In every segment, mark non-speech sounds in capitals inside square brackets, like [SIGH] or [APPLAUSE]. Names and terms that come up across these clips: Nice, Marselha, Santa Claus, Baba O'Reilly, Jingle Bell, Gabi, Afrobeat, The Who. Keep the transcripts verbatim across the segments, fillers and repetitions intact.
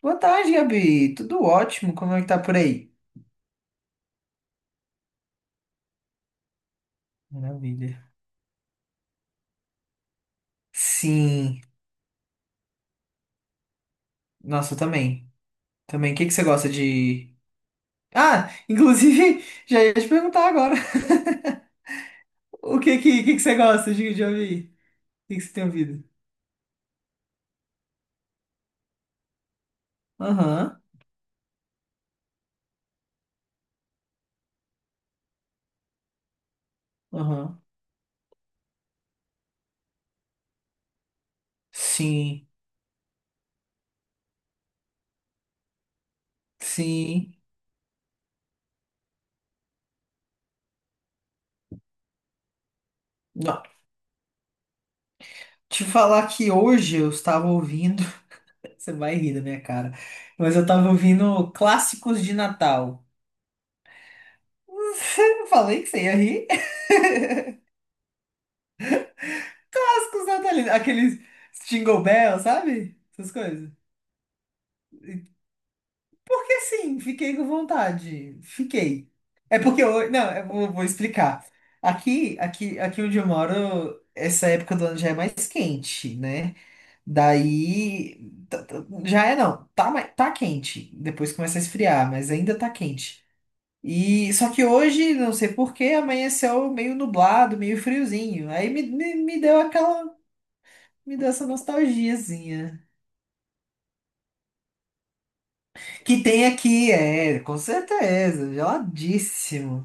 Boa tarde, Gabi. Tudo ótimo? Como é que tá por aí? Maravilha. Sim. Nossa, eu também. Também. O que que você gosta de. Ah, inclusive, [LAUGHS] já ia te perguntar agora. [LAUGHS] O que que, que que você gosta de, de ouvir? O que que você tem ouvido? Aham, aham. Sim, sim. Não. Te falar que hoje eu estava ouvindo. [LAUGHS] Você vai rir da minha cara. Mas eu estava ouvindo clássicos de Natal. [LAUGHS] Falei que você ia rir. Clássicos natalinos, aqueles Jingle Bell, sabe? Essas coisas. Porque sim, fiquei com vontade. Fiquei. É porque eu. Não, eu vou, vou explicar. Aqui, aqui, aqui onde eu moro, essa época do ano já é mais quente, né? Daí. tá- tá- Já é não. Tá, mai- tá quente. Depois começa a esfriar, mas ainda tá quente. E só que hoje, não sei por que, amanheceu meio nublado, meio friozinho. Aí me, me, me deu aquela. Me deu essa nostalgiazinha. Que tem aqui, é, com certeza, geladíssimo.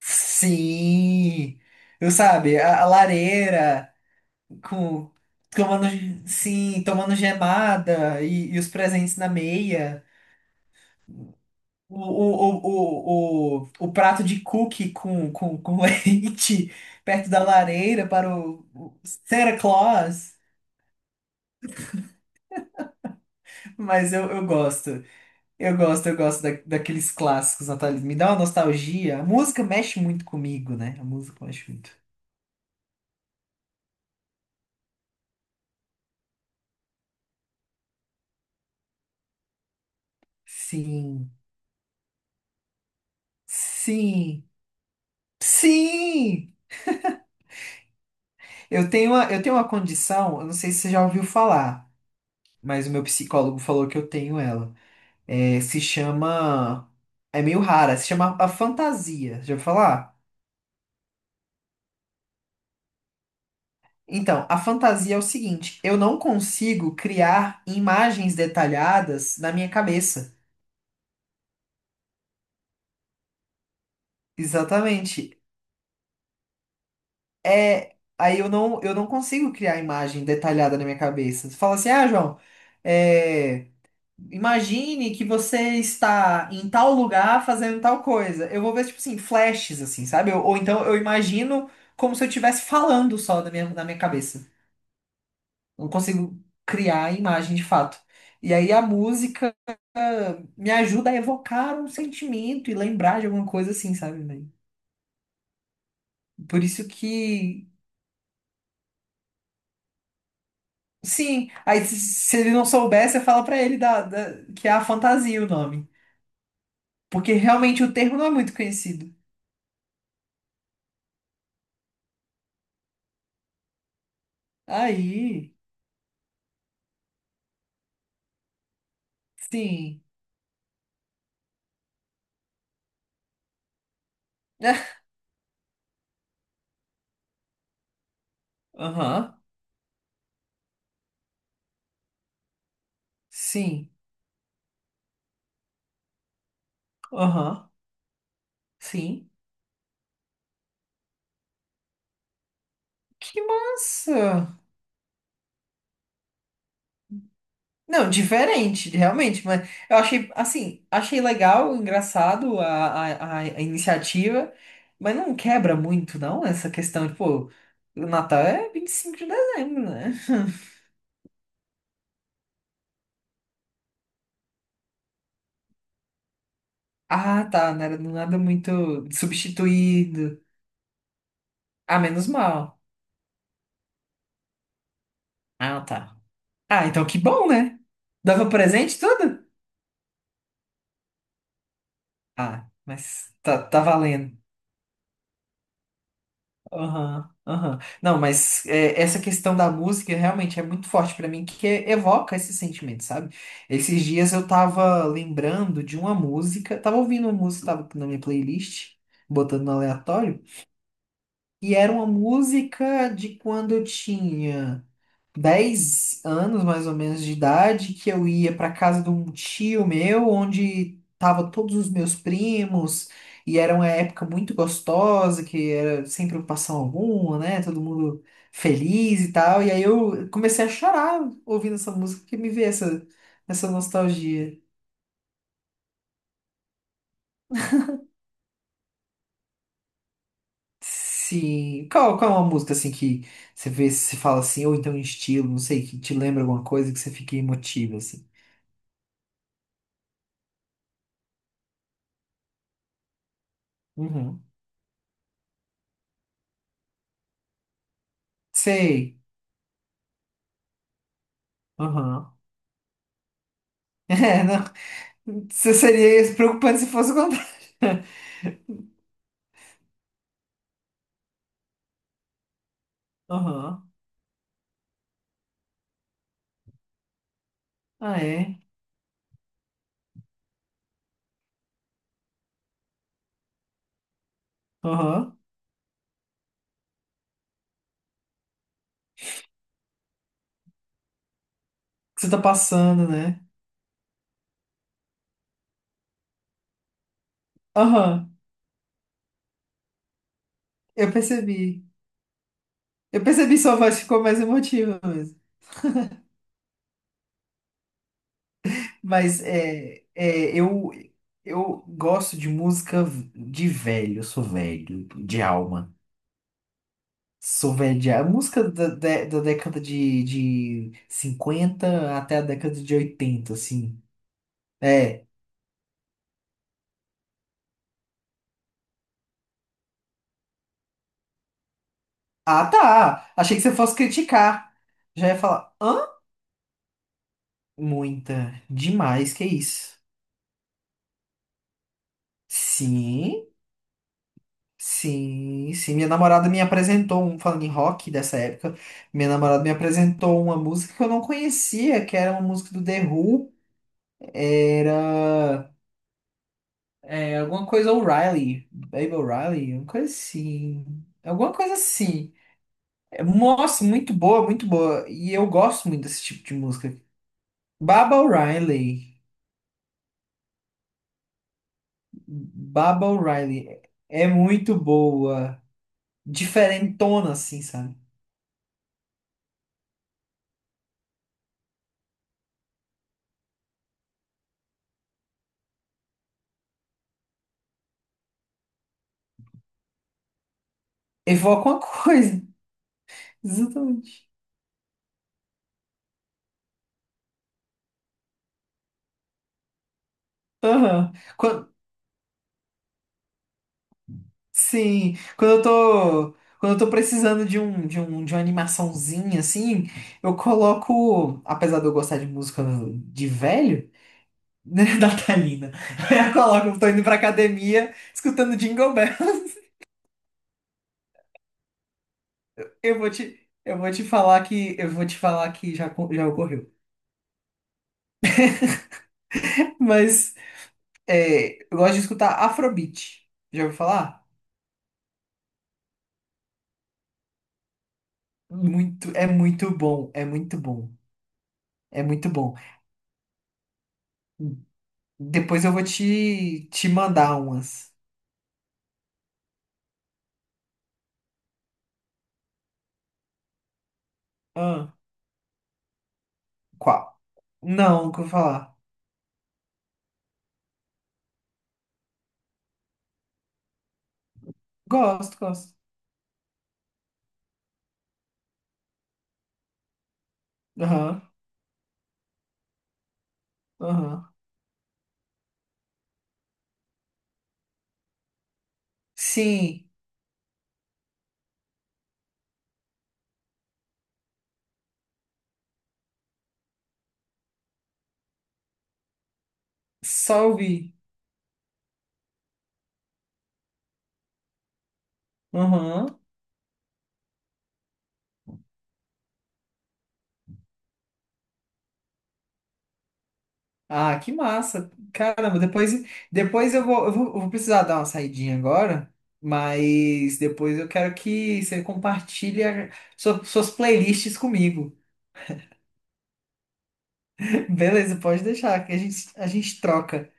Sim, eu sabe, a, a lareira com tomando, sim, tomando gemada e, e os presentes na meia. O, o, o, o, o, o prato de cookie com, com, com [LAUGHS] leite perto da lareira para o, o Santa Claus. Mas eu, eu gosto. Eu gosto, eu gosto, da, daqueles clássicos natalinos. Me dá uma nostalgia. A música mexe muito comigo, né? A música mexe muito. Sim, sim, sim! Eu tenho uma, eu tenho uma condição, eu não sei se você já ouviu falar, mas o meu psicólogo falou que eu tenho ela. É, se chama. É meio rara, se chama a fantasia. Já ouviu falar? Então, a fantasia é o seguinte: eu não consigo criar imagens detalhadas na minha cabeça. Exatamente. É, aí eu não, eu não consigo criar imagem detalhada na minha cabeça. Você fala assim, ah, João, é, imagine que você está em tal lugar fazendo tal coisa. Eu vou ver, tipo assim, flashes, assim, sabe? Ou, ou então eu imagino como se eu estivesse falando só na minha, na minha cabeça. Não consigo criar a imagem de fato. E aí a música me ajuda a evocar um sentimento e lembrar de alguma coisa assim, sabe? Né? Por isso que. Sim, aí se, se ele não souber, você fala pra ele da, da- que é a fantasia o nome. Porque realmente o termo não é muito conhecido. Aí, sim. [LAUGHS] Aham, sim. Aham, sim. Que massa! Não, diferente, realmente, mas eu achei, assim, achei legal, engraçado a, a, a a iniciativa, mas não quebra muito, não, essa questão de, pô, o Natal é vinte e cinco de dezembro, né? Ah, tá. Não era nada muito substituído. Ah, menos mal. Ah, tá. Ah, então que bom, né? Dava presente tudo? Ah, mas tá, tá valendo. Aham, aham. Não, mas é, essa questão da música realmente é muito forte pra mim, que evoca esse sentimento, sabe? Esses dias eu tava lembrando de uma música, tava ouvindo uma música, tava na minha playlist, botando no aleatório, e era uma música de quando eu tinha dez anos mais ou menos de idade que eu ia para casa de um tio meu, onde tava todos os meus primos, e era uma época muito gostosa, que era sem preocupação alguma, né? Todo mundo feliz e tal. E aí eu comecei a chorar ouvindo essa música, que me veio essa, essa nostalgia. Sim. Qual, qual é uma música assim que você vê, se fala assim, ou então um estilo, não sei, que te lembra alguma coisa que você fica emotivo assim? Uhum. Sei. Aham. [LAUGHS] É, não. Você seria preocupante se fosse o contrário. [LAUGHS] Aham. Ah, é? Aham. Que você tá passando, né? Aham. Eu percebi. Eu percebi, sua voz ficou mais emotiva mesmo. Mas é, é, eu, eu gosto de música de velho. Eu sou velho, de alma. Sou velho de alma. Música da, da, da década de, de cinquenta até a década de oitenta, assim. É. Ah, tá. Achei que você fosse criticar. Já ia falar. Hã? Muita. Demais, que isso. Sim, sim, sim. Minha namorada me apresentou um, falando em rock dessa época, minha namorada me apresentou uma música que eu não conhecia, que era uma música do The Who, era é, alguma coisa O'Reilly, Baby O'Reilly, uma coisa assim. Alguma coisa assim. É, Nossa, muito boa, muito boa. E eu gosto muito desse tipo de música. Baba O'Reilly. Baba O'Reilly. É muito boa. Diferentona, assim, sabe? Evoca uma coisa. [LAUGHS] Exatamente. Aham. Quan- sim, quando eu tô, quando eu tô precisando de um, de um, de uma animaçãozinha, assim, eu coloco, apesar de eu gostar de música de velho, né, [LAUGHS] natalina, eu coloco, eu tô indo pra academia escutando Jingle Bells. [LAUGHS] Eu vou te, eu vou te falar que, eu vou te falar que já, co- já ocorreu. Mas, é, eu gosto de escutar Afrobeat. Já ouviu falar? Muito, é muito bom, é muito bom, é muito bom. Depois eu vou te, te mandar umas. Ah, qual? Não, nunca vou falar. Gosto, gosto. Aham, aham. Sim, só ouvi. Aham. Ah, que massa. Caramba, depois, depois eu vou, eu vou, eu vou precisar dar uma saidinha agora, mas depois eu quero que você compartilhe a- sua- suas playlists comigo. [LAUGHS] Beleza, pode deixar, que a gente, a gente troca.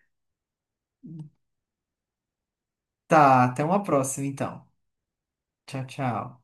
Tá, até uma próxima então. Tchau, tchau.